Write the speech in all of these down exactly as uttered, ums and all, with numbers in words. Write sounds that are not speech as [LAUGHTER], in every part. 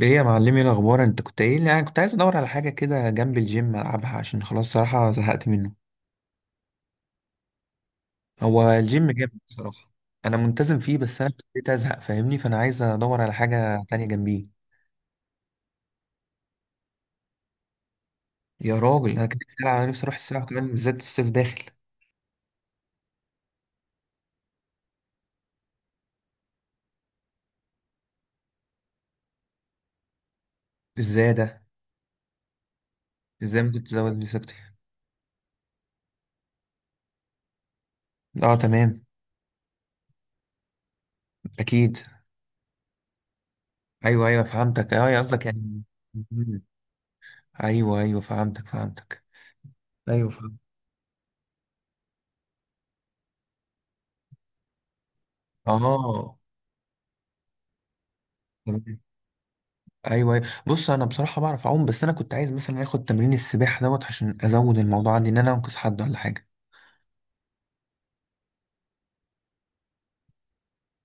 ايه يا معلمي، إيه الاخبار؟ انت كنت قايل لي يعني كنت عايز ادور على حاجه كده جنب الجيم العبها عشان خلاص صراحه زهقت منه. هو الجيم جامد بصراحه. انا منتظم فيه بس انا ابتديت ازهق فاهمني، فانا عايز ادور على حاجه تانية جنبيه. يا راجل، انا كنت بتكلم على نفسي اروح السباحه كمان بالذات الصيف داخل. ازاي ده؟ ازاي ممكن تزود لي سكتي؟ اه تمام. اكيد. ايوه ايوه فهمتك، اه قصدك يعني. مم. ايوه ايوه فهمتك فهمتك. ايوه فهمت. اه تمام. ايوه أيوة. بص انا بصراحه بعرف اعوم، بس انا كنت عايز مثلا اخد تمرين السباحه دوت عشان ازود الموضوع عندي ان انا انقذ حد ولا حاجه.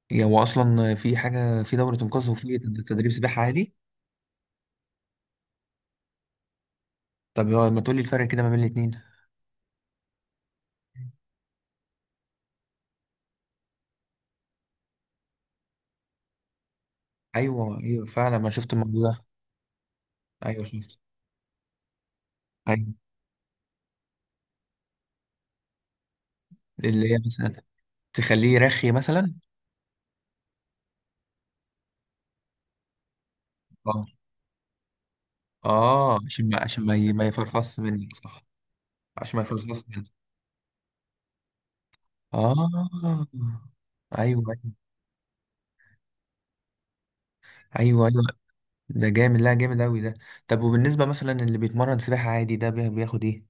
يعني هو اصلا في حاجه في دوره انقاذ وفي تدريب سباحه عادي؟ طب هو ما تقولي الفرق كده ما بين الاتنين. ايوه ايوه فعلا، ما شفت الموضوع ده. ايوه شفت. ايوه، اللي هي مثلا تخليه رخي مثلا. اه اه، عشان ما عشان ما ي- ما يفرفص منك، صح؟ عشان ما يفرفص منك. اه ايوه ايوه ايوه ايوه، ده جامد، لا جامد أوي ده. طب وبالنسبة مثلا اللي بيتمرن سباحة عادي ده بي- بياخد إيه؟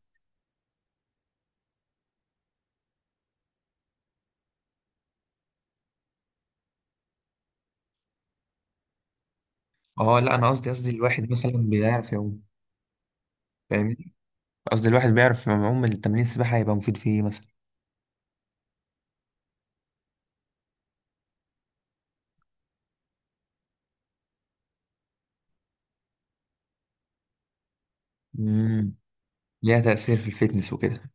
أه لا، أنا قصدي قصدي الواحد مثلا بيعرف يعوم. فاهمني؟ قصدي الواحد بيعرف يعوم، التمرين السباحة هيبقى مفيد في إيه مثلا؟ امم. ليها تأثير في الفيتنس وكده.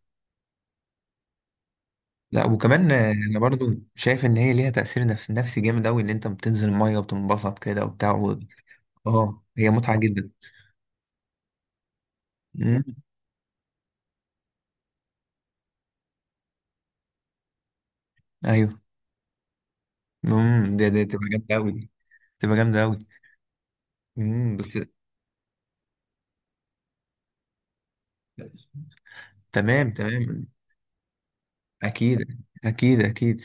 لا وكمان آه، أنا برضو شايف إن هي ليها تأثير نفس نفسي جامد أوي، إن أنت بتنزل المية وبتنبسط كده وبتاع و... أه هي متعة جدا. امم. أيوه. امم، ده ده تبقى جامدة أوي دي. تبقى جامدة أوي. امم بس. تمام تمام. أكيد أكيد أكيد.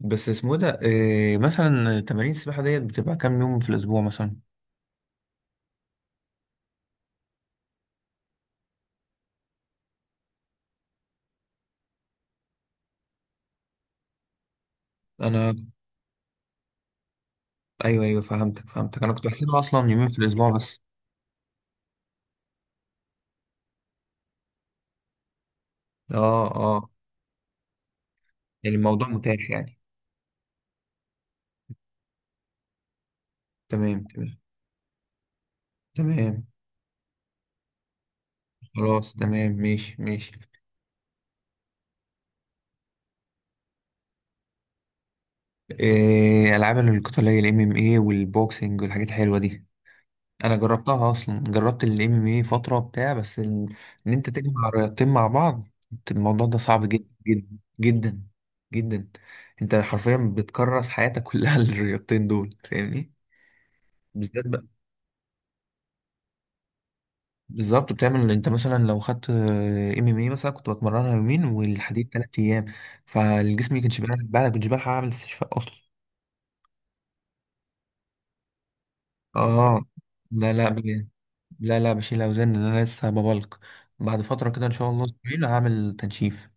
بس اسمه ده إيه مثلا؟ تمارين السباحة ديت بتبقى كام يوم في الأسبوع مثلا؟ أنا أيوه أيوه فهمتك فهمتك، أنا كنت بحسبها أصلا يومين في الأسبوع بس. أه أه، يعني الموضوع متاح يعني. تمام تمام تمام. خلاص تمام، ماشي ماشي. إيه ألعاب القتالية ال M M A والبوكسنج والحاجات الحلوة دي. انا جربتها اصلا، جربت الام ام اي فتره بتاع بس ال- ان انت تجمع رياضتين مع بعض، الموضوع ده صعب جدا جدا. جدا. جدا. انت حرفيا بتكرس حياتك كلها [LAUGHS] للرياضتين دول فاهمني. بالذات بقى. بالظبط، بتعمل انت مثلا لو خدت ام ام اي مثلا كنت بتمرنها يومين والحديد ثلاث ايام، فالجسم ما كانش بيعرف، بقى كنتش بلحق اعمل استشفاء اصلا. اه. لا لا ب- لا لا، بشيل اوزان لأن انا لسه ببلك. بعد فتره كده ان شاء الله أسبوعين هعمل تنشيف.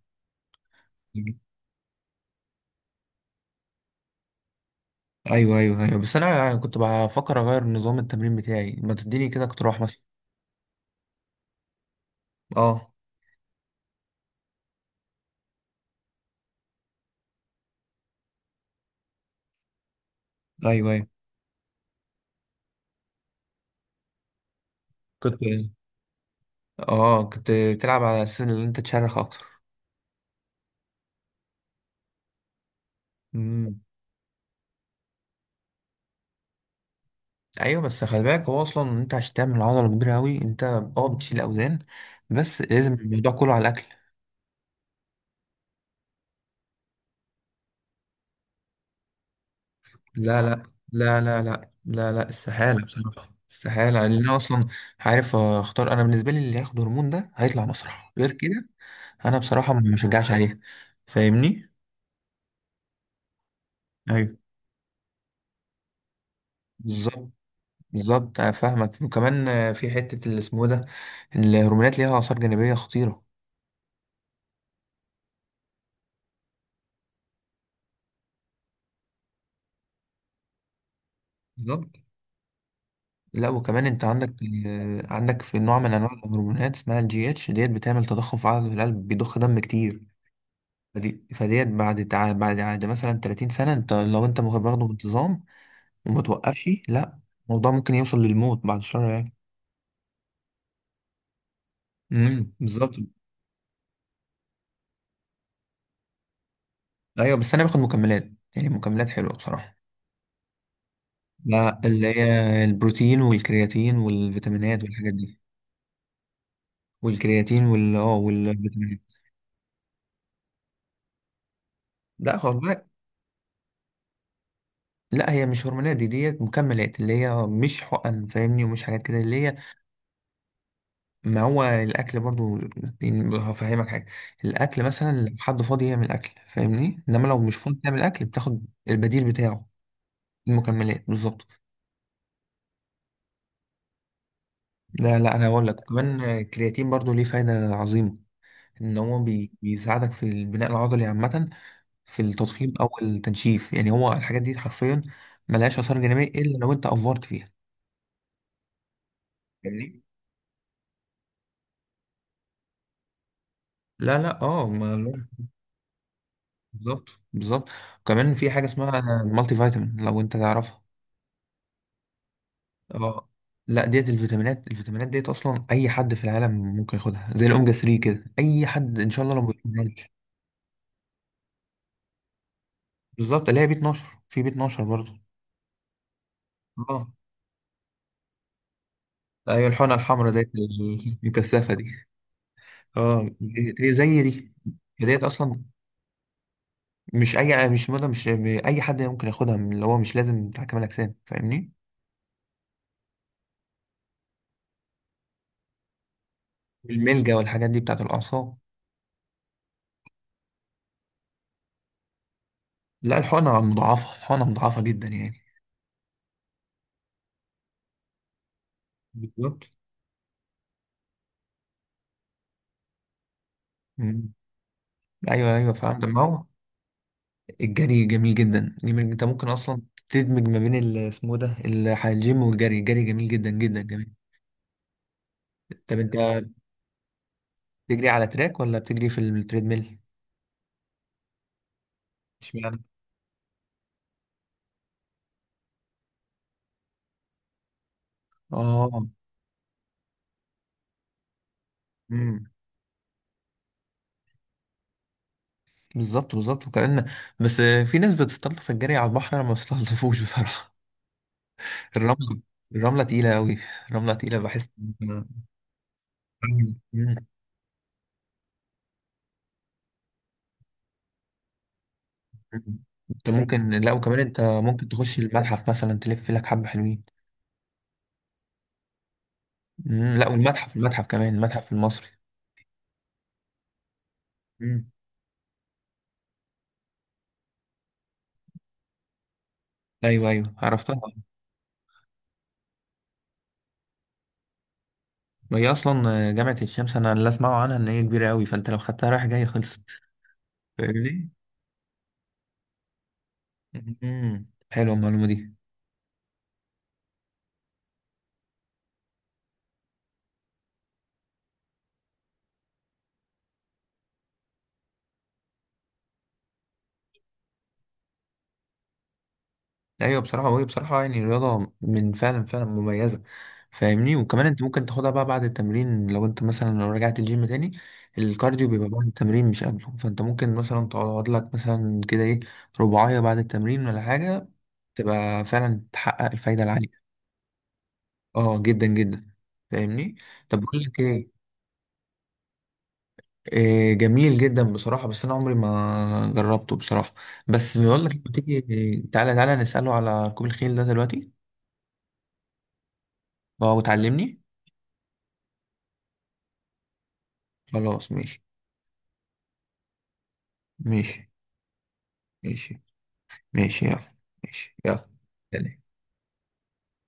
ايوه ايوه ايوه، بس انا أنا كنت بفكر اغير نظام التمرين بتاعي، ما تديني كده اقتراح مثلا. اه ايوه ايوه. كنت اه كنت بتلعب على اساس ان انت تشرخ اكتر. امم. ايوه بس خلي بالك، هو اصلا انت عشان تعمل عضله كبيره قوي انت اه بتشيل اوزان، بس لازم الموضوع كله على الاكل. لا لا لا لا لا لا لا، استحالة بصراحة، استحاله لان انا اصلا عارف آه، اختار، انا بالنسبه لي اللي هياخد هرمون ده هيطلع مسرح غير كده. انا بصراحه ما بشجعش عليه، فاهمني. ايوه بالظبط بالظبط، أنا فاهمك، وكمان آه، في حتة اللي اسمه ده، الهرمونات ليها آثار جانبية خطيرة. بالظبط. لا وكمان انت عندك آه، عندك في نوع من انواع الهرمونات اسمها الجي اتش ديت، بتعمل تضخم في عضلة القلب، بيضخ دم كتير. فدي فديت بعد تع... بعد عاد مثلا 30 سنة انت، لو انت مخ- برضه بانتظام وما توقفش، لا الموضوع ممكن يوصل للموت، بعد الشر يعني. امم بالظبط. ايوه بس انا باخد مكملات، يعني مكملات حلوة بصراحة. لا اللي هي البروتين والكرياتين والفيتامينات والحاجات دي. والكرياتين وال اه والفيتامينات. لا خد بالك. لا هي مش هرمونات، دي ديت مكملات، اللي هي مش حقن فاهمني، ومش حاجات كده اللي هي. ما هو الاكل برضو. يعني هفهمك حاجه، الاكل مثلا لو حد فاضي يعمل اكل فاهمني، انما لو مش فاضي تعمل اكل بتاخد البديل بتاعه. المكملات بالظبط. لا لا، انا هقول لك كمان الكرياتين برضو ليه فايده عظيمه، ان هو بي- بيساعدك في البناء العضلي عامه، في التضخيم او التنشيف. يعني هو الحاجات دي حرفيا ملهاش اثار جانبيه الا لو انت افورت فيها، فاهمني. لا لا اه ما- بالظبط بالظبط. وكمان في حاجه اسمها مالتي فيتامين، لو انت تعرفها. اه لا، ديت الفيتامينات الفيتامينات ديت اصلا اي حد في العالم ممكن ياخدها، زي الاوميجا ثلاثة كده، اي حد ان شاء الله لو ما بياخدهاش. بالظبط اللي هي بي اتناشر، في بي اتناشر برضه. اه ايوه الحقنه الحمراء ديت المكثفه دي. اه دي- دي زي دي. ديت اصلا مش اي، مش مدى، مش اي حد ممكن ياخدها، من اللي هو مش لازم بتاع كمال اجسام فاهمني. الملجا والحاجات دي بتاعت الاعصاب. لا الحقنة مضاعفة، الحقنة مضاعفة جدا يعني. بالظبط. مم. ايوه ايوه فاهم، لما هو. الجري جميل جدا جميل، انت ممكن اصلا تدمج ما بين ال- اسمه إيه ده ال- الجيم والجري. الجري جميل جدا جدا جميل. طب انت بتجري على تراك ولا بتجري في التريدميل؟ اشمعنى؟ اه. امم. بالظبط بالظبط وكأن. بس، في ناس بتستلطف الجري على البحر، انا ما بستلطفوش بصراحة. [LAUGHS] الرملة، الرملة تقيلة قوي، الرملة تقيلة بحس. مم. انت ممكن، لا وكمان انت ممكن تخش المتحف مثلا، تلف لك حبة حلوين. مم، لا والمتحف، المتحف كمان، المتحف المصري. مم. ايوه ايوه عرفتها. ما هي اصلا جامعة الشمس، انا اللي اسمعه عنها ان هي كبيرة قوي، فانت لو خدتها رايح جاي خلصت فاهمني. مم. حلوة المعلومة دي. ايوه بصراحه، وهي بصراحه يعني رياضه من فعلا فعلا مميزه، فاهمني. وكمان انت ممكن تاخدها بقى بعد التمرين، لو انت مثلا لو رجعت الجيم تاني، الكارديو بيبقى بعد التمرين مش قبله. فانت ممكن مثلا تقعد لك مثلا كده ايه، رباعيه بعد التمرين ولا حاجه، تبقى فعلا تحقق الفايده العاليه. اه جدا جدا، فاهمني. طب بقول لك ايه. إيه، جميل جدا بصراحه، بس انا عمري ما جربته بصراحه. بس بقول لك، لما تيجي تعالى تعالى، نساله على ركوب الخيل ده دلوقتي. اه وتعلمني. خلاص ماشي ماشي. ماشي ماشي يلا. ماشي يلا. سلام.